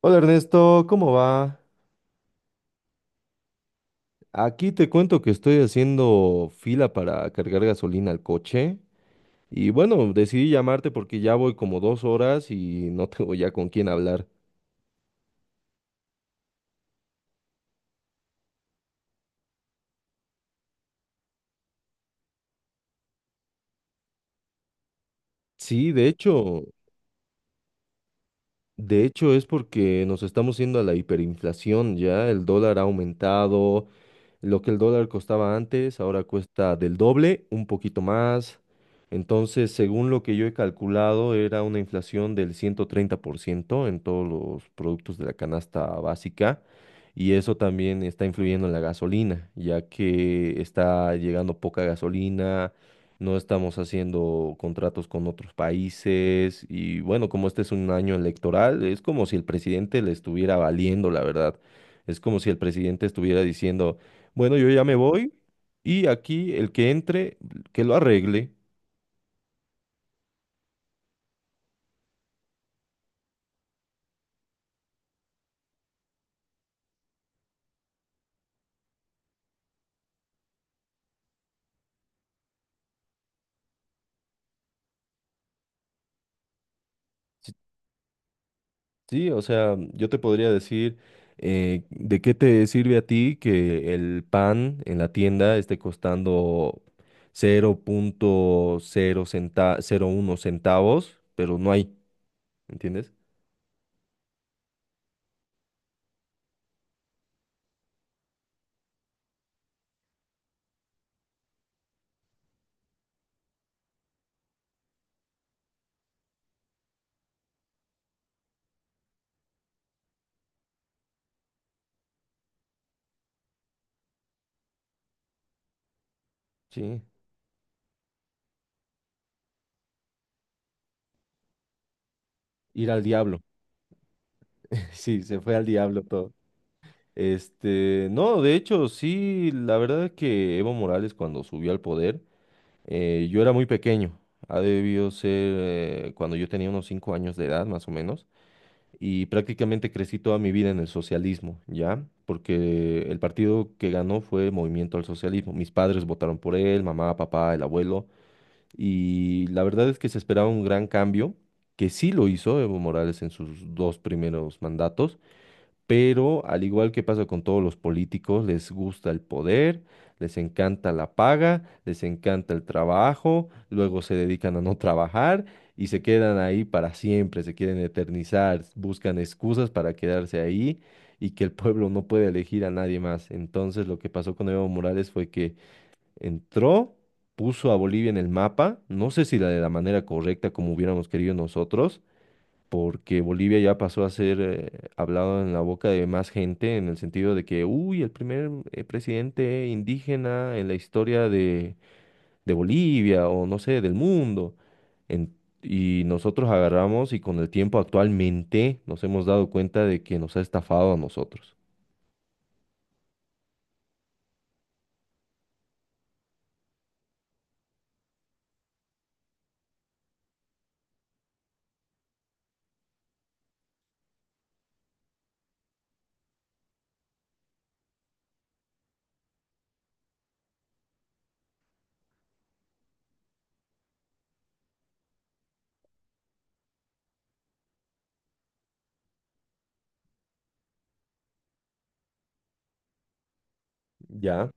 Hola Ernesto, ¿cómo va? Aquí te cuento que estoy haciendo fila para cargar gasolina al coche y bueno, decidí llamarte porque ya voy como 2 horas y no tengo ya con quién hablar. Sí, de hecho es porque nos estamos yendo a la hiperinflación ya, el dólar ha aumentado. Lo que el dólar costaba antes, ahora cuesta del doble, un poquito más. Entonces, según lo que yo he calculado, era una inflación del 130% en todos los productos de la canasta básica. Y eso también está influyendo en la gasolina, ya que está llegando poca gasolina, no estamos haciendo contratos con otros países. Y bueno, como este es un año electoral, es como si el presidente le estuviera valiendo, la verdad. Es como si el presidente estuviera diciendo... Bueno, yo ya me voy y aquí el que entre, que lo arregle. Sí, sí, o sea, yo te podría decir de qué te sirve a ti que el pan en la tienda esté costando cero punto cero cero uno centavos, pero no hay, ¿entiendes? Sí, ir al diablo. Sí, se fue al diablo todo. Este, no, de hecho, sí, la verdad es que Evo Morales cuando subió al poder, eh, yo era muy pequeño, ha debido ser cuando yo tenía unos 5 años de edad, más o menos, y prácticamente crecí toda mi vida en el socialismo, ¿ya? Porque el partido que ganó fue Movimiento al Socialismo. Mis padres votaron por él, mamá, papá, el abuelo, y la verdad es que se esperaba un gran cambio, que sí lo hizo Evo Morales en sus dos primeros mandatos, pero al igual que pasa con todos los políticos, les gusta el poder, les encanta la paga, les encanta el trabajo, luego se dedican a no trabajar y se quedan ahí para siempre, se quieren eternizar, buscan excusas para quedarse ahí y que el pueblo no puede elegir a nadie más. Entonces lo que pasó con Evo Morales fue que entró, puso a Bolivia en el mapa, no sé si la de la manera correcta como hubiéramos querido nosotros, porque Bolivia ya pasó a ser hablado en la boca de más gente en el sentido de que, uy, el primer presidente indígena en la historia de Bolivia o no sé, del mundo. En- y nosotros agarramos y con el tiempo actualmente nos hemos dado cuenta de que nos ha estafado a nosotros. Ya.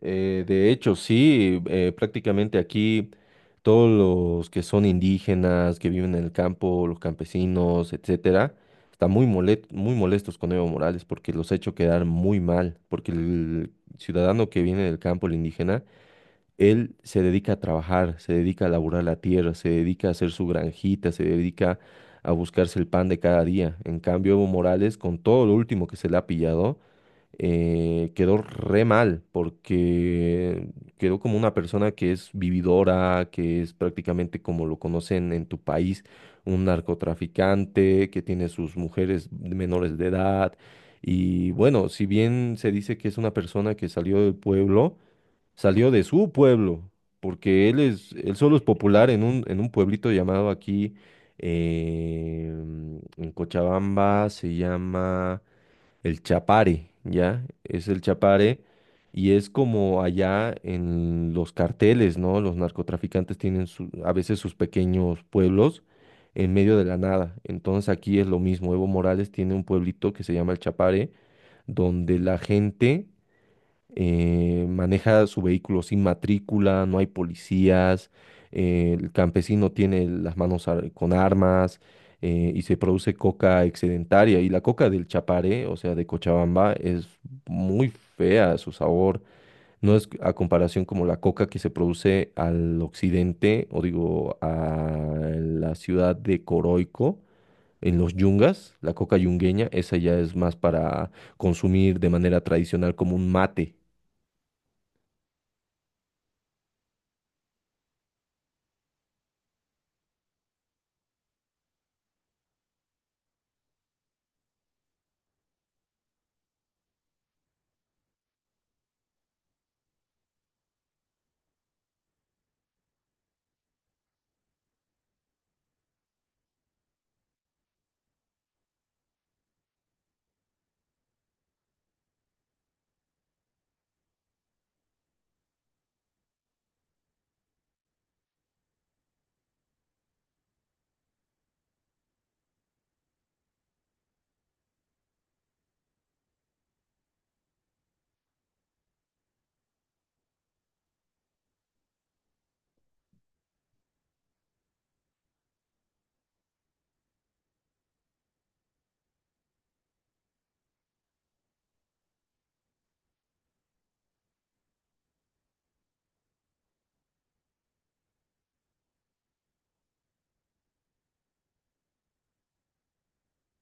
De hecho, sí, prácticamente aquí todos los que son indígenas, que viven en el campo, los campesinos, etcétera, están muy molestos con Evo Morales porque los ha hecho quedar muy mal, porque el ciudadano que viene del campo, el indígena, él se dedica a trabajar, se dedica a laburar la tierra, se dedica a hacer su granjita, se dedica a buscarse el pan de cada día. En cambio, Evo Morales, con todo lo último que se le ha pillado, quedó re mal porque quedó como una persona que es vividora, que es prácticamente como lo conocen en tu país, un narcotraficante que tiene sus mujeres menores de edad. Y bueno, si bien se dice que es una persona que salió del pueblo, salió de su pueblo, porque él es, él solo es popular en un pueblito llamado aquí, eh, en Cochabamba, se llama... El Chapare, ¿ya? Es el Chapare y es como allá en los carteles, ¿no? Los narcotraficantes tienen su- a veces sus pequeños pueblos en medio de la nada. Entonces aquí es lo mismo. Evo Morales tiene un pueblito que se llama El Chapare, donde la gente maneja su vehículo sin matrícula, no hay policías, el campesino tiene las manos con armas, y se produce coca excedentaria. Y la coca del Chaparé, o sea, de Cochabamba, es muy fea su sabor. No es a comparación como la coca que se produce al occidente, o digo, a la ciudad de Coroico, en los yungas, la coca yungueña, esa ya es más para consumir de manera tradicional como un mate.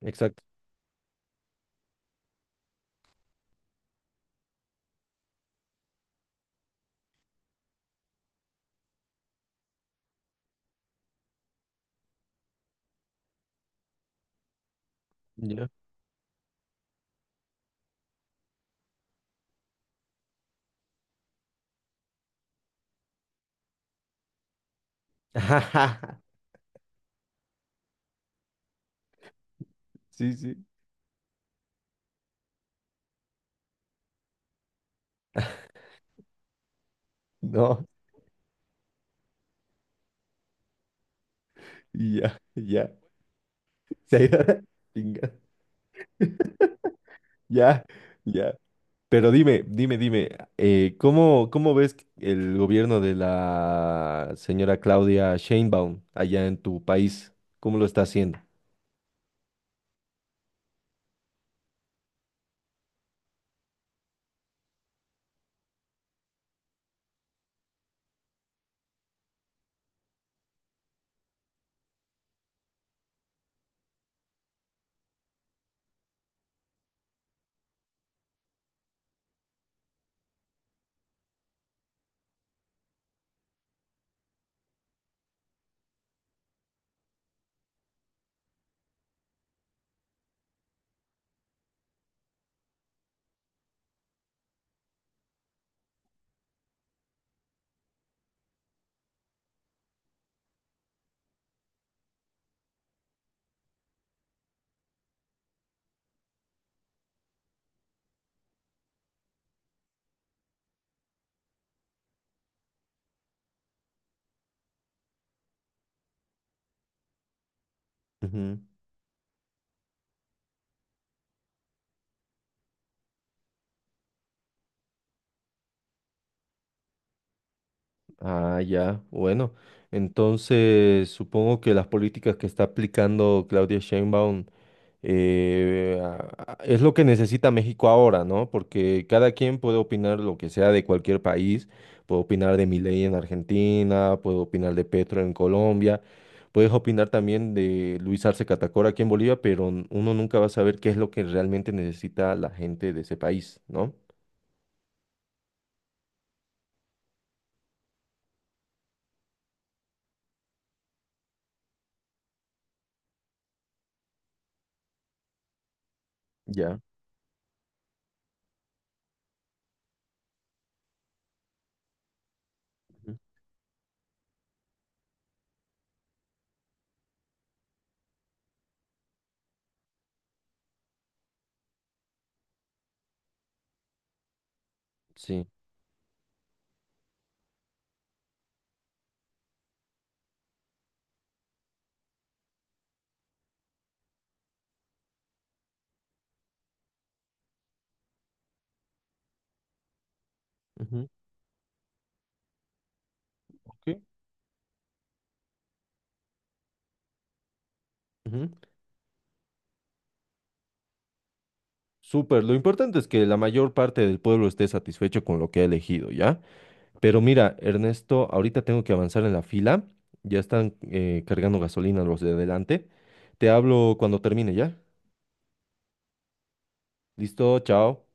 Exacto. Ya. Sí, sí. No. Y ya, ya. Se ha ido a la chinga. Ya, ya. Pero dime, dime, dime, ¿cómo, cómo ves el gobierno de la señora Claudia Sheinbaum allá en tu país? ¿Cómo lo está haciendo? Ujú. Ah, ya, bueno. Entonces, supongo que las políticas que está aplicando Claudia Sheinbaum es lo que necesita México ahora, ¿no? Porque cada quien puede opinar lo que sea de cualquier país, puedo opinar de Milei en Argentina, puedo opinar de Petro en Colombia, puedes opinar también de Luis Arce Catacora aquí en Bolivia, pero n- uno nunca va a saber qué es lo que realmente necesita la gente de ese país, ¿no? Ya. Ujú. Sí. Ujú. Ok. Ujú. Súper, lo importante es que la mayor parte del pueblo esté satisfecho con lo que ha elegido, ¿ya? Pero mira, Ernesto, ahorita tengo que avanzar en la fila. Ya están cargando gasolina los de adelante. Te hablo cuando termine, ¿ya? Listo, chao.